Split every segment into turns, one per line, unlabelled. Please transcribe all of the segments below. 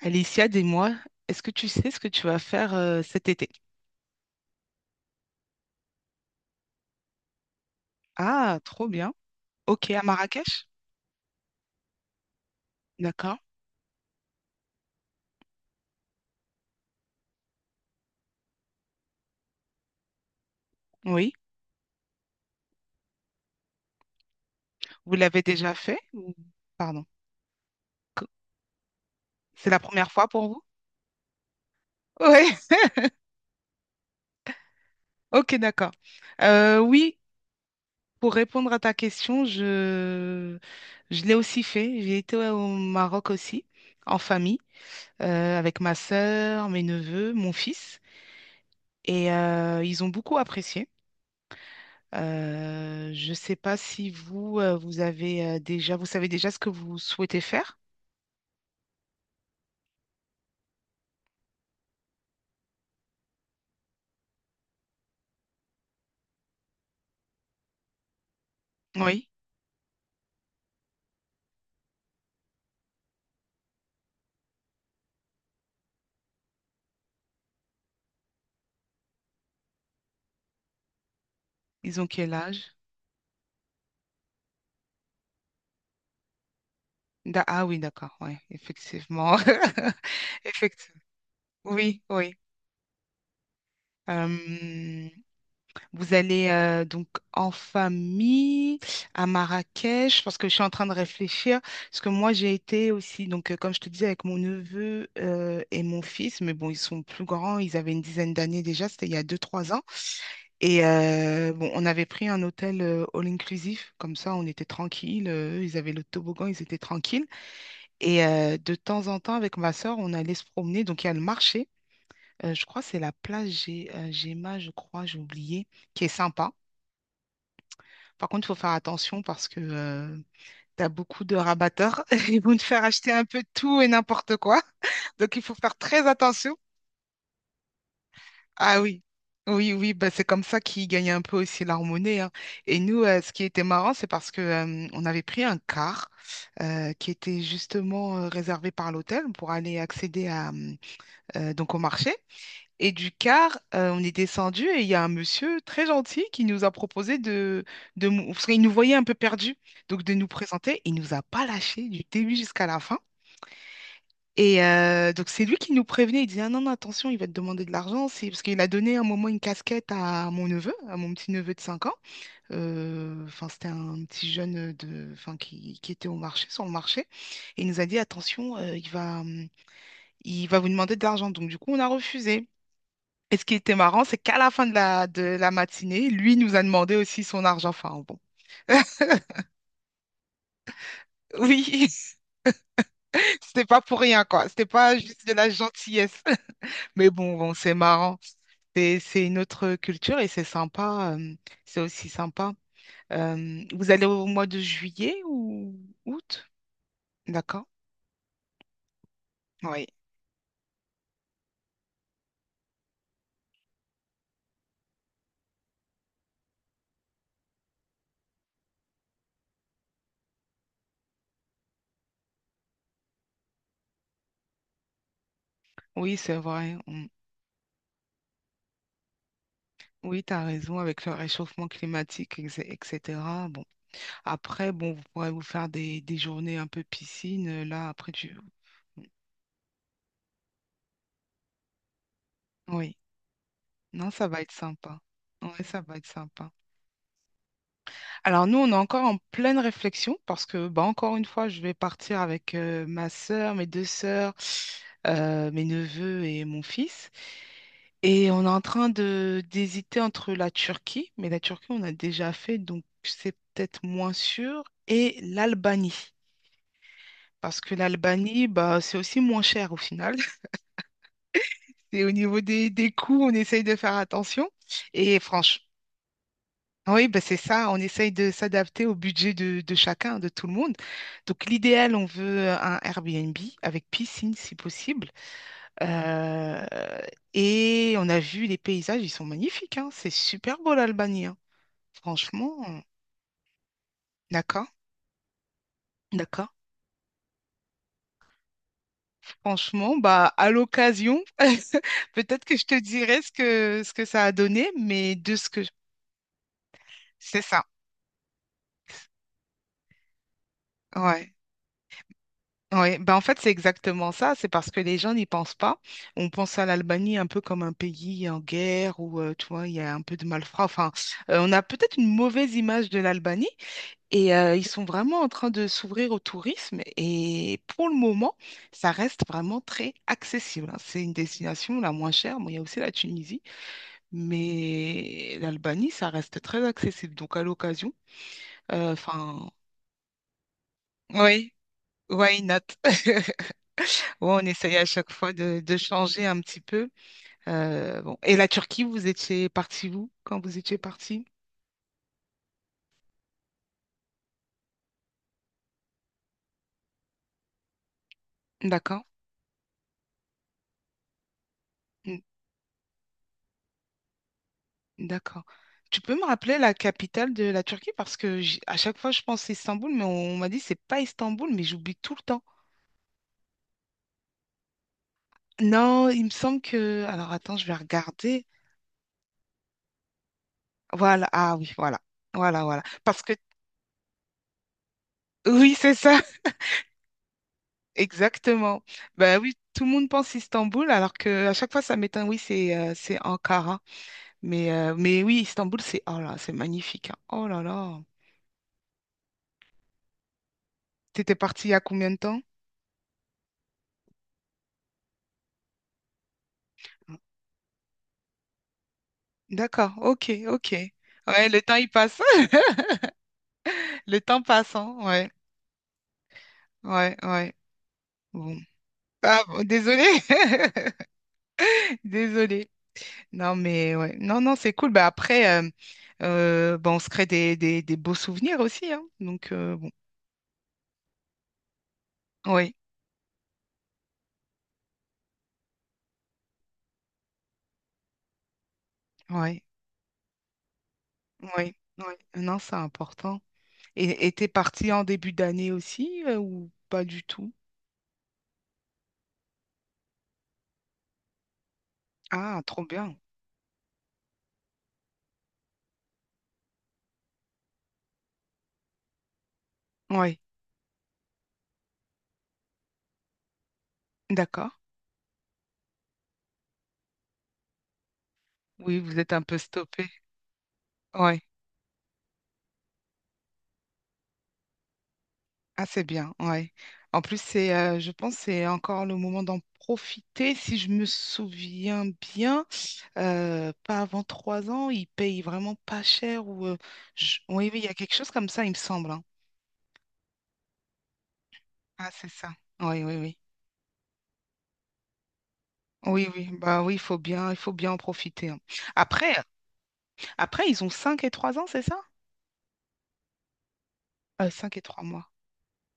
Alicia, dis-moi, est-ce que tu sais ce que tu vas faire cet été? Ah, trop bien. Ok, à Marrakech? D'accord. Oui. Vous l'avez déjà fait? Pardon. Co- C'est la première fois pour vous? Oui. Ok, d'accord. Oui, pour répondre à ta question, je l'ai aussi fait. J'ai été au Maroc aussi, en famille, avec ma sœur, mes neveux, mon fils. Et ils ont beaucoup apprécié. Je ne sais pas si vous avez déjà, vous savez déjà ce que vous souhaitez faire. Oui. Ils ont quel âge? Ah oui, d'accord, ouais, effectivement. Effectivement. Oui, oui. Vous allez donc en famille à Marrakech, parce que je suis en train de réfléchir, parce que moi j'ai été aussi, donc comme je te disais, avec mon neveu et mon fils, mais bon, ils sont plus grands, ils avaient une dizaine d'années déjà, c'était il y a deux trois ans. Et bon, on avait pris un hôtel all-inclusif, comme ça on était tranquille, eux, ils avaient le toboggan, ils étaient tranquilles. Et de temps en temps, avec ma soeur, on allait se promener, donc il y a le marché. Je crois que c'est la place Géma, je crois, j'ai oublié, qui est sympa. Par contre, il faut faire attention parce que tu as beaucoup de rabatteurs. Ils vont te faire acheter un peu de tout et n'importe quoi. Donc, il faut faire très attention. Ah oui, oui, oui, bah, c'est comme ça qu'ils gagnent un peu aussi leur monnaie, hein. Et nous, ce qui était marrant, c'est parce que on avait pris un car qui était justement réservé par l'hôtel pour aller accéder à, donc au marché. Et du car, on est descendu et il y a un monsieur très gentil qui nous a proposé parce qu'il nous voyait un peu perdus, donc de nous présenter. Il nous a pas lâchés du début jusqu'à la fin. Et donc c'est lui qui nous prévenait. Il disait: ah non non, attention, il va te demander de l'argent, c'est parce qu'il a donné à un moment une casquette à mon neveu, à mon petit neveu de 5 ans. Enfin c'était un petit jeune de, enfin qui était au marché, sur le marché. Et il nous a dit attention, il va vous demander de l'argent. Donc du coup on a refusé. Et ce qui était marrant, c'est qu'à la fin de la, matinée, lui nous a demandé aussi son argent. Enfin, bon. Oui, c'était pas pour rien, quoi. C'était pas juste de la gentillesse. Mais bon, bon, c'est marrant. C'est une autre culture et c'est sympa. C'est aussi sympa. Vous allez au mois de juillet ou août? D'accord. Oui, oui, c'est vrai. Mm. Oui, tu as raison avec le réchauffement climatique, etc. Bon, après, bon, vous pourrez vous faire des journées un peu piscine. Là, après, tu... Oui, non, ça va être sympa. Oui, ça va être sympa. Alors nous, on est encore en pleine réflexion parce que, bah, encore une fois, je vais partir avec ma sœur, mes deux sœurs, mes neveux et mon fils. Et on est en train de d'hésiter entre la Turquie, mais la Turquie, on a déjà fait, donc c'est peut-être moins sûr, et l'Albanie. Parce que l'Albanie, bah, c'est aussi moins cher au final. Et au niveau des, coûts, on essaye de faire attention. Et franchement, oui, ben c'est ça, on essaye de s'adapter au budget de chacun, de tout le monde. Donc l'idéal, on veut un Airbnb avec piscine si possible. Euh, et on a vu les paysages, ils sont magnifiques, hein. C'est super beau l'Albanie, hein. Franchement, d'accord, d'accord. Franchement, bah à l'occasion, peut-être que je te dirai ce que ça a donné, mais de ce que... C'est ça, ouais. Oui, ben en fait, c'est exactement ça. C'est parce que les gens n'y pensent pas. On pense à l'Albanie un peu comme un pays en guerre où, tu vois, il y a un peu de malfrats. Enfin, on a peut-être une mauvaise image de l'Albanie et ils sont vraiment en train de s'ouvrir au tourisme. Et pour le moment, ça reste vraiment très accessible, hein. C'est une destination la moins chère. Bon, il y a aussi la Tunisie, mais l'Albanie, ça reste très accessible. Donc, à l'occasion, enfin, oui, why not? Ouais, on essaye à chaque fois de changer un petit peu. Bon. Et la Turquie, vous étiez parti vous quand vous étiez parti? D'accord. Mm. D'accord. Tu peux me rappeler la capitale de la Turquie parce que à chaque fois je pense Istanbul, mais on, m'a dit c'est pas Istanbul, mais j'oublie tout le temps. Non, il me semble que. Alors attends, je vais regarder. Voilà. Ah oui, voilà. Voilà, voilà. Parce que oui, c'est ça. Exactement. Ben oui, tout le monde pense Istanbul alors que à chaque fois ça m'étonne. Oui, c'est Ankara. Mais oui, Istanbul, c'est oh là, c'est magnifique, hein. Oh là là. T'étais parti il y a combien de temps? D'accord, ok, ok. Ouais, le temps il passe. Le temps passe, hein. Ouais, ouais, ouais. Bon. Ah, bon, désolé. Désolé. Non, mais ouais. Non, non, c'est cool. Bah, après, bah, on se crée des, des beaux souvenirs aussi, hein. Donc, bon. Oui, oui, oui, oui. Non, c'est important. Et t'es parti en début d'année aussi, ou pas du tout? Ah, trop bien. Ouais. D'accord. Oui, vous êtes un peu stoppé. Ouais. Ah, c'est bien. Ouais. En plus, je pense que c'est encore le moment d'en profiter. Si je me souviens bien, pas avant trois ans, ils payent vraiment pas cher ou. Oui, oui, il y a quelque chose comme ça, il me semble, hein. Ah, c'est ça. Oui, oui, oui. Oui, oui. Bah oui, il faut bien en profiter, hein. Après, ils ont 5 et 3 ans, c'est ça? 5 et 3 mois.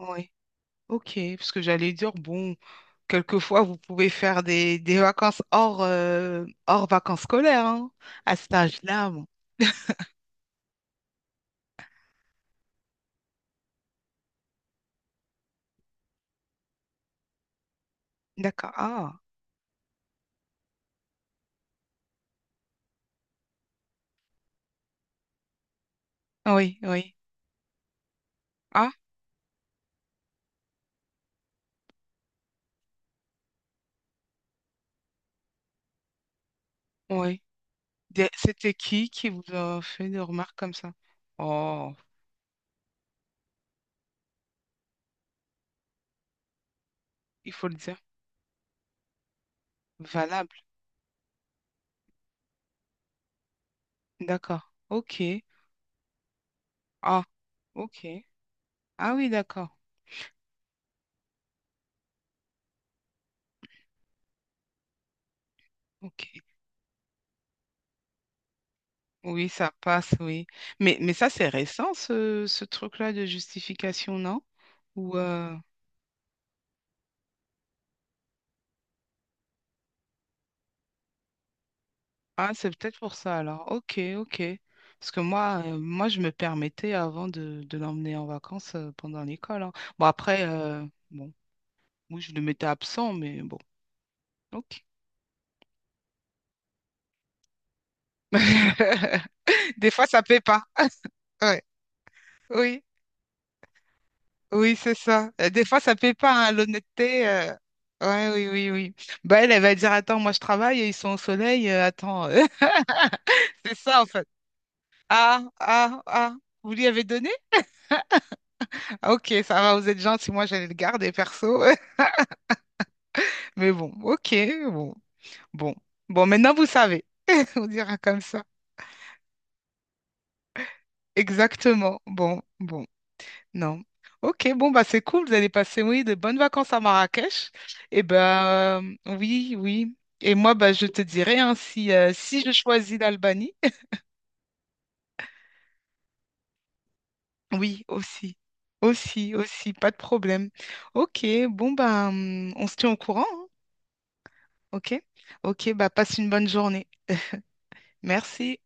Oui. Ok. Parce que j'allais dire, bon. Quelquefois, vous pouvez faire des, vacances hors, hors vacances scolaires, hein, à cet âge-là, bon. D'accord. Ah, oui, oui. Ah, oui. C'était qui vous a fait des remarques comme ça? Oh, il faut le dire. Valable. D'accord. OK. Ah, OK. Ah oui, d'accord. OK. Oui, ça passe, oui. Mais ça, c'est récent, ce truc-là de justification, non? Ou... euh, Ah, c'est peut-être pour ça alors. Ok, ok. Parce que moi, je me permettais avant de, l'emmener en vacances pendant l'école, hein. Bon, après, bon, oui, je le mettais absent, mais bon, ok. Des fois, ça paie pas. Ouais. Oui, oui, c'est ça. Des fois, ça paie pas, hein, l'honnêteté. Ouais, oui, oui, oui. Bah, elle va dire, attends, moi, je travaille, ils sont au soleil, attends. C'est ça, en fait. Ah, ah, ah. Vous lui avez donné? Ah, Ok, ça va, vous êtes gentil. Moi, j'allais le garder, perso. Mais bon, ok, bon, bon. Bon, maintenant vous savez, on dira comme ça. Exactement. Bon, bon, non. Ok, bon, bah c'est cool, vous allez passer, oui, de bonnes vacances à Marrakech. Et ben, oui, oui. Et moi, bah, je te dirai, hein, si je choisis l'Albanie, oui, aussi. Aussi, aussi, pas de problème. Ok, bon, bah, on se tient au courant, hein, ok? Ok, bah, passe une bonne journée. Merci.